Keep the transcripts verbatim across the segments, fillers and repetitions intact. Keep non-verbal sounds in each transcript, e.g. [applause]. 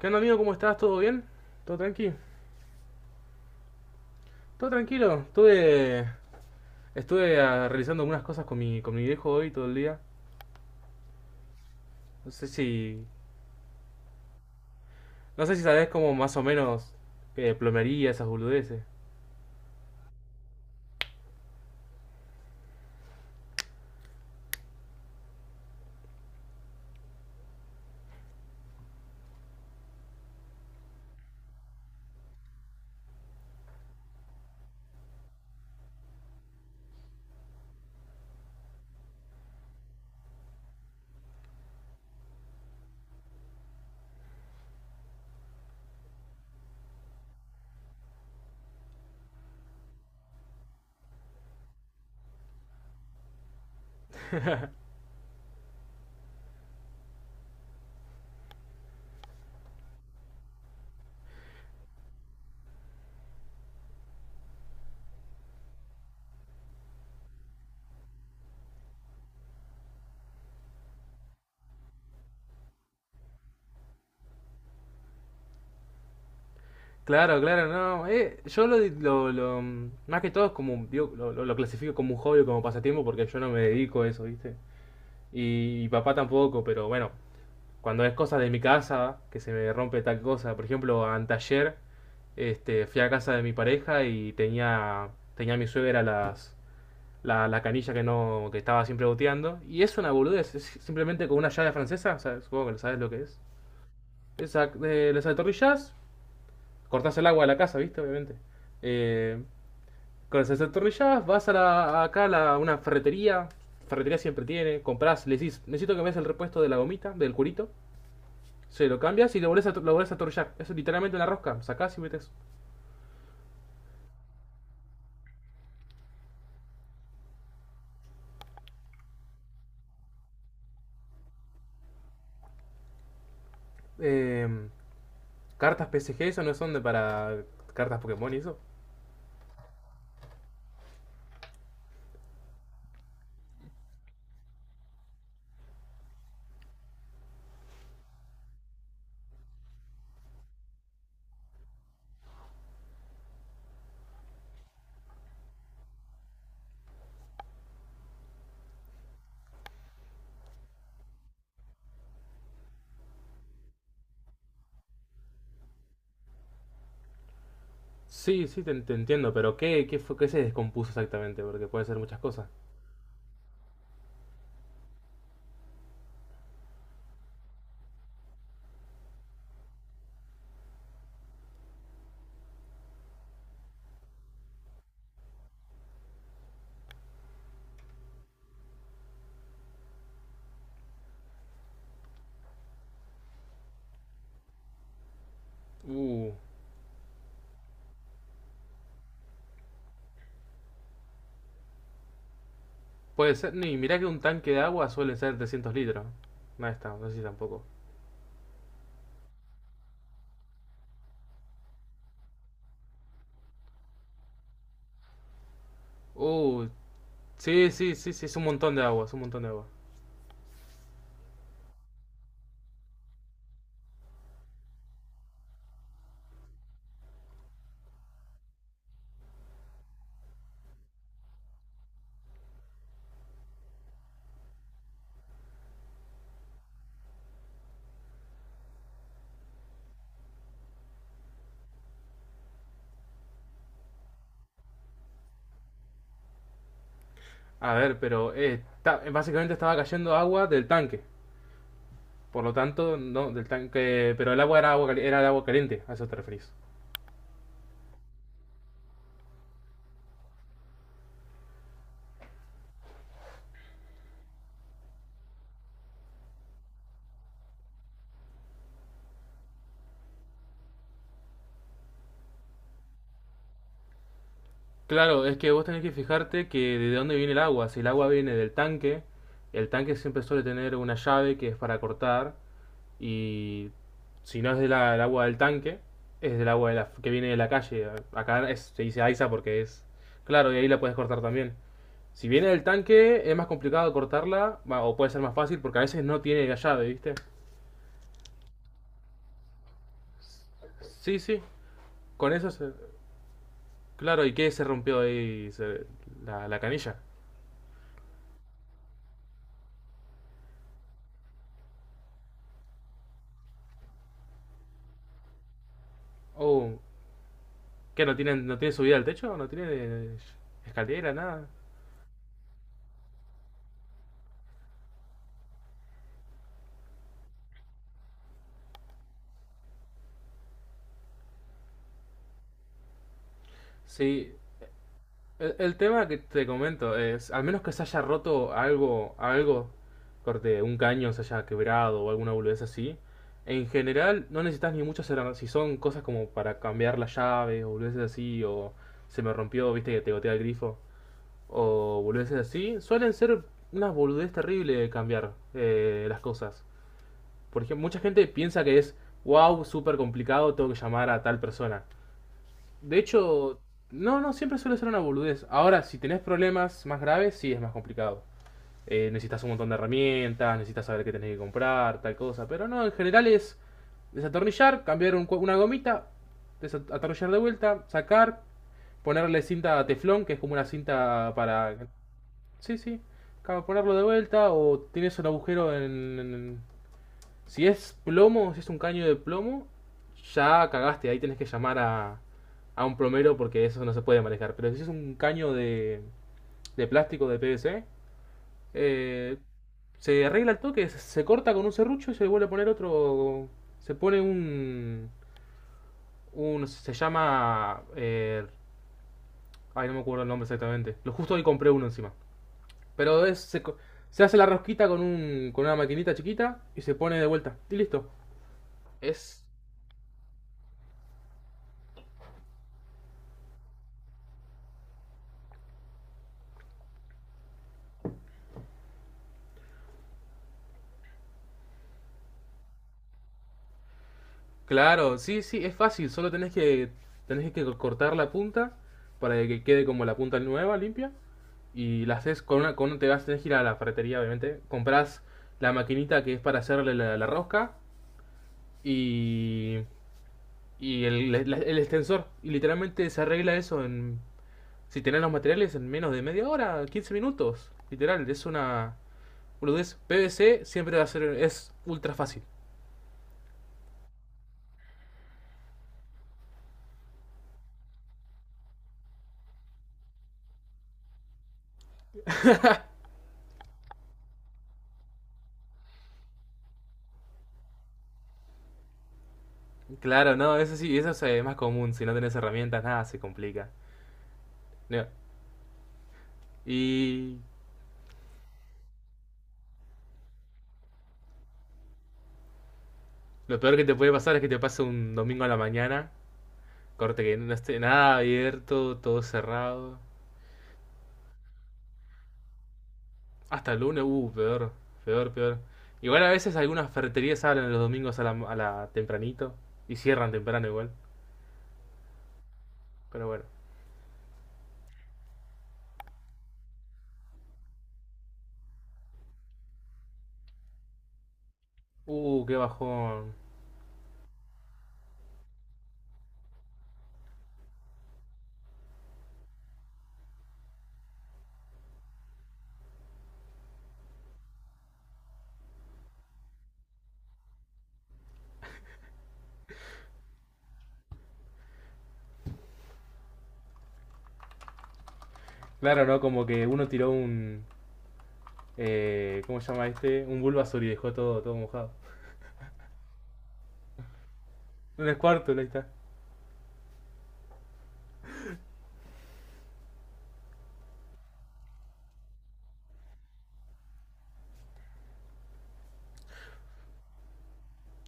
¿Qué onda, amigo? ¿Cómo estás? ¿Todo bien? ¿Todo tranquilo? ¿Todo tranquilo? Estuve, estuve ah, realizando algunas cosas con mi, con mi viejo hoy todo el día. No sé si, no sé si sabés como más o menos eh, plomería, esas boludeces. Claro, claro, no. Eh, yo lo, lo- lo- más que todo es como, digo, lo, lo- lo clasifico como un hobby o como pasatiempo, porque yo no me dedico a eso, ¿viste? Y papá tampoco, pero bueno, cuando es cosa de mi casa, que se me rompe tal cosa. Por ejemplo, antayer este, fui a casa de mi pareja y tenía, tenía mi suegra las, la, la canilla que no, que estaba siempre goteando. Y es una boludez, es simplemente con una llave francesa, o sea, supongo que sabes lo que es. Esa, eh, les atornillás, cortás el agua de la casa, ¿viste? Obviamente. Eh, con las atornillás, vas a la, acá a la- una ferretería, ferretería siempre tiene, comprás, le decís: necesito que me des el repuesto de la gomita, del curito. Sí, lo cambias y lo volvés a, lo volvés a torullar. Es literalmente una rosca. Sacás y metes. Eh, cartas P C G, eso no son de para cartas Pokémon y eso. Sí, sí, te, te entiendo, pero ¿qué, qué, fue, ¿qué se descompuso exactamente? Porque puede ser muchas cosas. Uh, puede ser. Ni mirá que un tanque de agua suele ser trescientos litros. No está, no sé si tampoco. Uh, sí, sí, sí, sí, es un montón de agua, es un montón de agua. A ver, pero eh, ta- básicamente estaba cayendo agua del tanque. Por lo tanto, no, del tanque. Pero el agua era agua cali- era el agua caliente, a eso te referís. Claro, es que vos tenés que fijarte que de dónde viene el agua. Si el agua viene del tanque, el tanque siempre suele tener una llave que es para cortar. Y si no es del el agua del tanque, es del agua de la- que viene de la calle. Acá es- se dice AISA, porque es. Claro, y ahí la puedes cortar también. Si viene del tanque, es más complicado cortarla, va, o puede ser más fácil porque a veces no tiene la llave, ¿viste? Sí, sí, con eso se- Claro, ¿y qué se rompió ahí? Se- la, ¿la canilla? Oh, ¿qué? ¿No tienen, ¿no tiene subida al techo? ¿No tiene eh, escalera? Nada. Sí, el, el tema que te comento es, al menos que se haya roto algo, algo, corte, un caño se haya quebrado o alguna boludez así, en general no necesitas ni muchas herramientas. Si son cosas como para cambiar las llaves o boludeces así, o se me rompió, viste que te gotea el grifo, o boludeces así, suelen ser unas boludeces terribles de cambiar, eh, las cosas. Por ejemplo, mucha gente piensa que es: wow, súper complicado, tengo que llamar a tal persona. De hecho, no, no, siempre suele ser una boludez. Ahora, si tenés problemas más graves, sí es más complicado. Eh, necesitas un montón de herramientas, necesitas saber qué tenés que comprar, tal cosa. Pero no, en general es desatornillar, cambiar un una gomita, desatornillar de vuelta, sacar, ponerle cinta teflón, que es como una cinta para... Sí, sí, ca- ponerlo de vuelta, o tienes un agujero en, en- si es plomo, si es un caño de plomo, ya cagaste, ahí tenés que llamar a, a un plomero, porque eso no se puede manejar. Pero si es un caño de, de plástico de P V C, eh, se arregla el toque, se, se corta con un serrucho y se vuelve a poner otro. Se pone un. Un se llama. Eh, ay, no me acuerdo el nombre exactamente. Lo justo hoy compré uno encima. Pero es, se, se hace la rosquita con, un, con una maquinita chiquita y se pone de vuelta. Y listo. Es Claro, sí, sí, es fácil, solo tenés que tenés que cortar la punta para que quede como la punta nueva, limpia, y la haces con una con un- te vas tenés que ir a la ferretería, obviamente, comprás la maquinita que es para hacerle la, la rosca y y el, la- el extensor, y literalmente se arregla eso en si tenés los materiales en menos de media hora, quince minutos, literal, es una boludez. P V C siempre va a ser es ultra fácil. Claro, no, eso sí, eso es más común. Si no tenés herramientas, nada se complica. No, y lo peor que te puede pasar es que te pase un domingo a la mañana, corte que no esté nada abierto, todo cerrado. Hasta el lunes, uh, peor, peor, peor. Igual a veces algunas ferreterías abren los domingos a la, a la tempranito y cierran temprano igual. Pero bueno, uh, qué bajón. Claro, ¿no? Como que uno tiró un... Eh, ¿cómo se llama este? Un Bulbasaur y dejó todo, todo mojado. Un Squirtle, ahí está.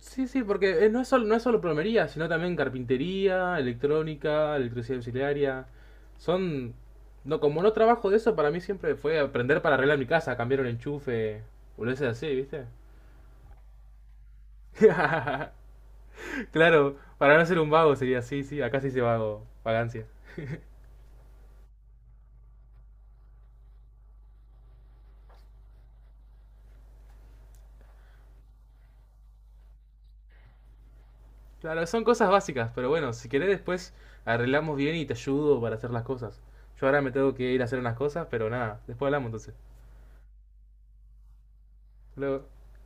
Sí, sí, porque eh, no es, solo, no es solo plomería, sino también carpintería, electrónica, electricidad auxiliaria. Son... No, como no trabajo de eso, para mí siempre fue aprender para arreglar mi casa, cambiar un enchufe, o lo así, ¿viste? [laughs] Claro, para no ser un vago, sería así, sí, acá sí se dice vago, vagancia. Claro, son cosas básicas, pero bueno, si querés después arreglamos bien y te ayudo para hacer las cosas. Yo ahora me tengo que ir a hacer unas cosas, pero nada, después hablamos entonces. Luego.